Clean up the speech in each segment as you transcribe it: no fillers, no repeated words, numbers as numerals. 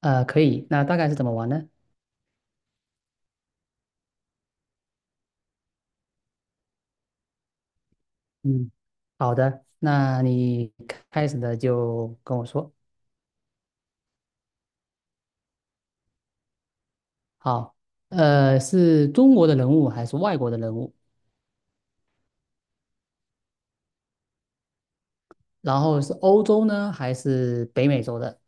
可以。那大概是怎么玩呢？嗯，好的，那你开始的就跟我说。好，是中国的人物还是外国的人物？然后是欧洲呢，还是北美洲的？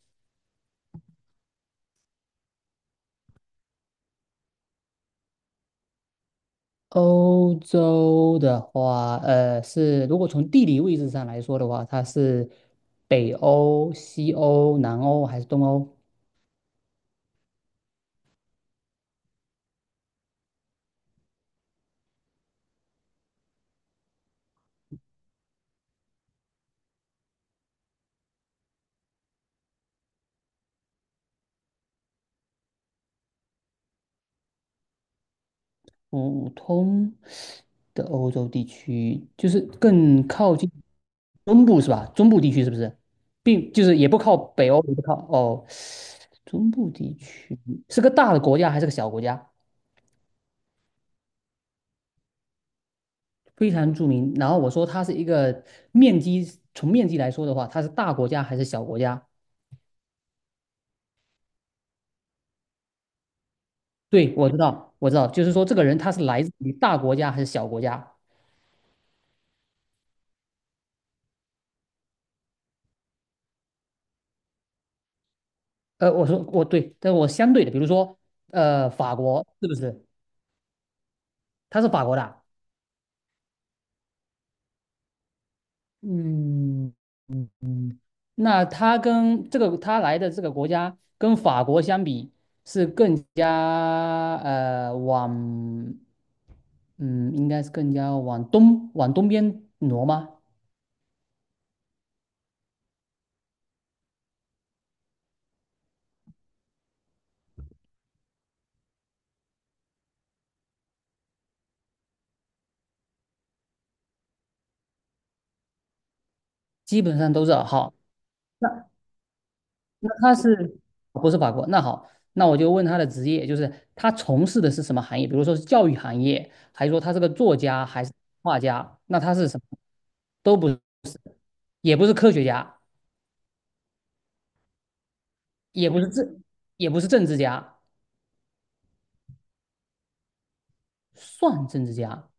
欧洲的话，是如果从地理位置上来说的话，它是北欧、西欧、南欧还是东欧？普通的欧洲地区，就是更靠近中部是吧？中部地区是不是？并就是也不靠北欧，也不靠哦，中部地区是个大的国家还是个小国家？非常著名。然后我说它是一个面积，从面积来说的话，它是大国家还是小国家？对，我知道，就是说这个人他是来自于大国家还是小国家？我说我对，但我相对的，比如说法国是不是？他是法国的啊。嗯嗯嗯，那他跟他来的这个国家跟法国相比，是更加往，嗯，应该是更加往东边挪吗？基本上都是好。那那他是不是法国？那好，那我就问他的职业，就是他从事的是什么行业？比如说是教育行业，还是说他是个作家，还是画家？那他是什么？都不，也不是科学家。也不是政，也不是政治家，算政治家。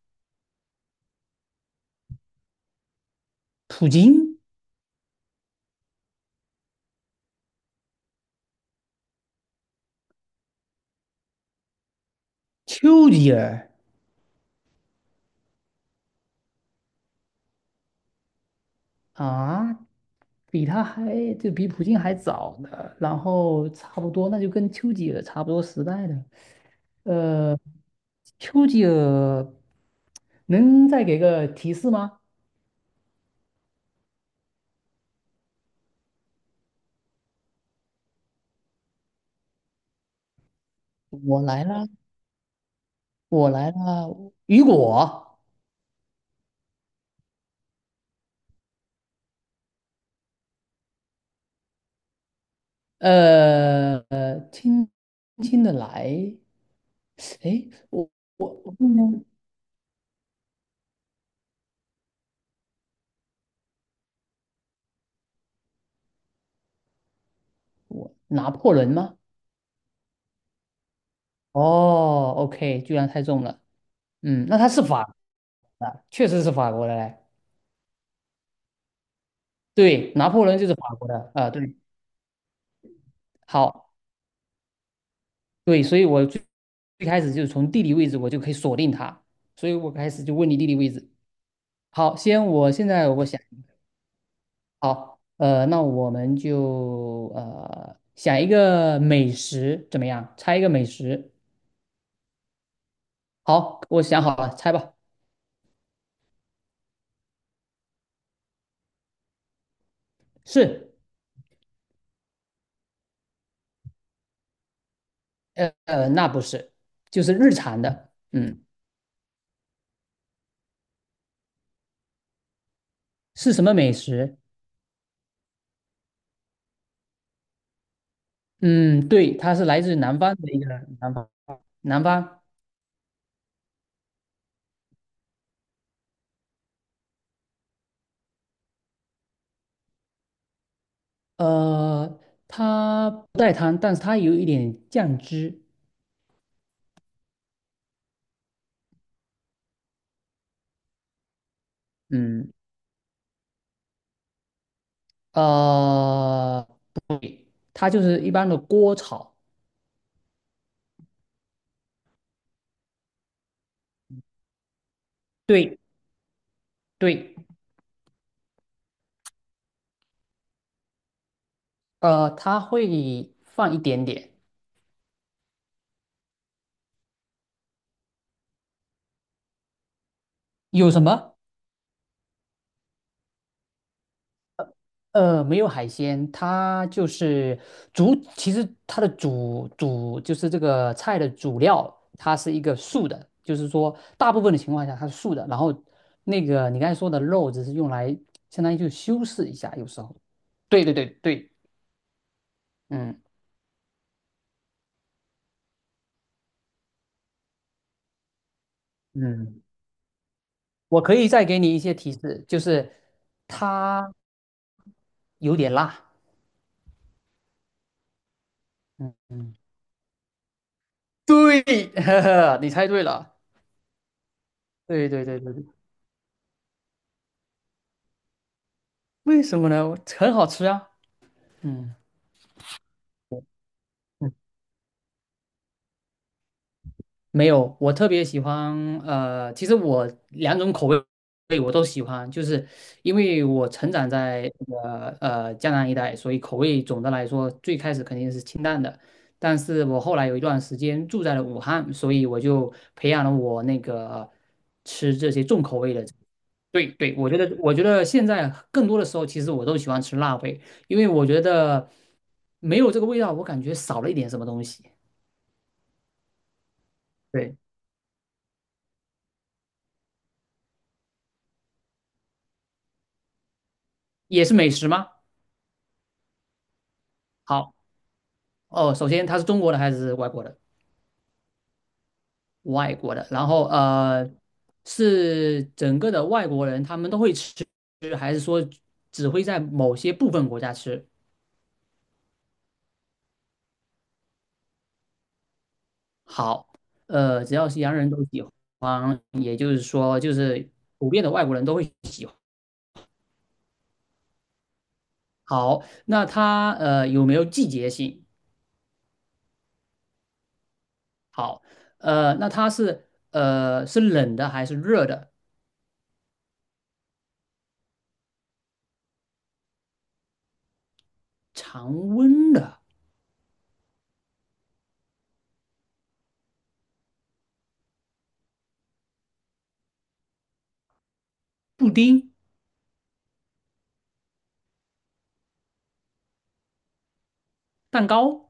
普京、丘吉尔，啊，比他还，就比普京还早呢，然后差不多，那就跟丘吉尔差不多时代的。呃，丘吉尔能再给个提示吗？我来了，我来了。雨果，轻轻的来，哎，我我，我拿破仑吗？哦，OK,居然猜中了。嗯，那他是法国的，确实是法国的嘞。对，拿破仑就是法国的啊、对，好，对，所以我最最开始就是从地理位置我就可以锁定他，所以我开始就问你地理位置。好，先我现在我想，好，那我们就想一个美食怎么样？猜一个美食。好，我想好了，猜吧。是，那不是，就是日常的。嗯，是什么美食？嗯，对，他是来自南方的一个南方，南方，呃，他不带汤，但是他有一点酱汁，嗯，呃，对，它就是一般的锅炒，对对，他会放一点点，有什么？没有海鲜，它就是主，其实它的主就是这个菜的主料，它是一个素的，就是说大部分的情况下它是素的。然后那个你刚才说的肉，只是用来相当于就修饰一下，有时候。对对对对，嗯嗯，我可以再给你一些提示，就是它有点辣。嗯嗯，对，呵呵，你猜对了。对对对对对，为什么呢？很好吃啊。嗯。没有，我特别喜欢，其实我两种口味我都喜欢，就是因为我成长在这个江南一带，所以口味总的来说最开始肯定是清淡的，但是我后来有一段时间住在了武汉，所以我就培养了我那个吃这些重口味的。对对，我觉得现在更多的时候，其实我都喜欢吃辣味，因为我觉得没有这个味道，我感觉少了一点什么东西。对，也是美食吗？好。哦，首先它是中国的还是外国的？外国的，然后是整个的外国人，他们都会吃，只会在某些部分国家吃。好，只要是洋人都喜欢，也就是说，就是普遍的外国人都会喜欢。好，那它有没有季节性？好，那它是是冷的还是热的？常温的布丁蛋糕？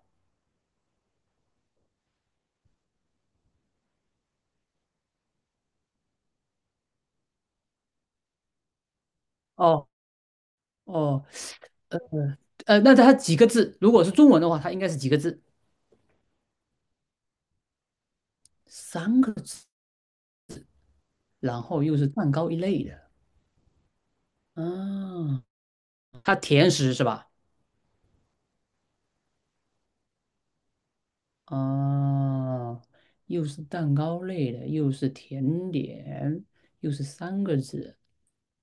哦哦，那它几个字？如果是中文的话，它应该是几个字？三个字，然后又是蛋糕一类的。啊，它甜食是吧？啊，又是蛋糕类的，又是甜点，又是三个字。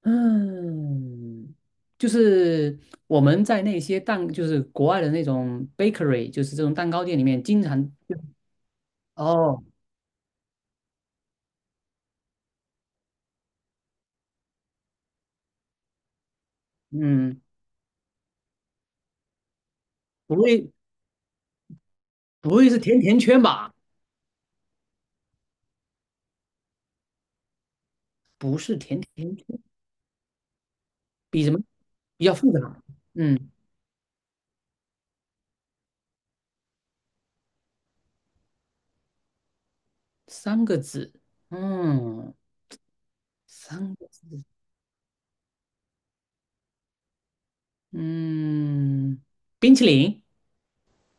嗯，就是我们在那些蛋，就是国外的那种 bakery,就是这种蛋糕店里面，经常哦，嗯，不会不会是甜甜圈吧？不是甜甜圈。比什么？比较复杂。嗯，三个字。嗯，三个字。嗯，冰淇淋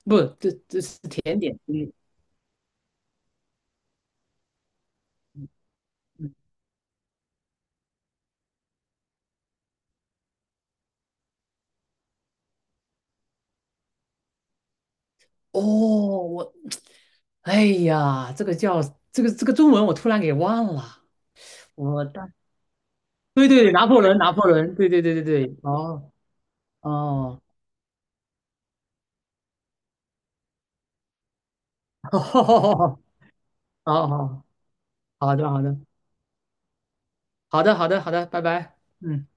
不，这是甜点。嗯嗯哦，我，哎呀，这个叫这个中文我突然给忘了。我当对对对，拿破仑，拿破仑，对对对对对。哦哦，哦哦，好好好的好的好的好的好的，拜拜。嗯。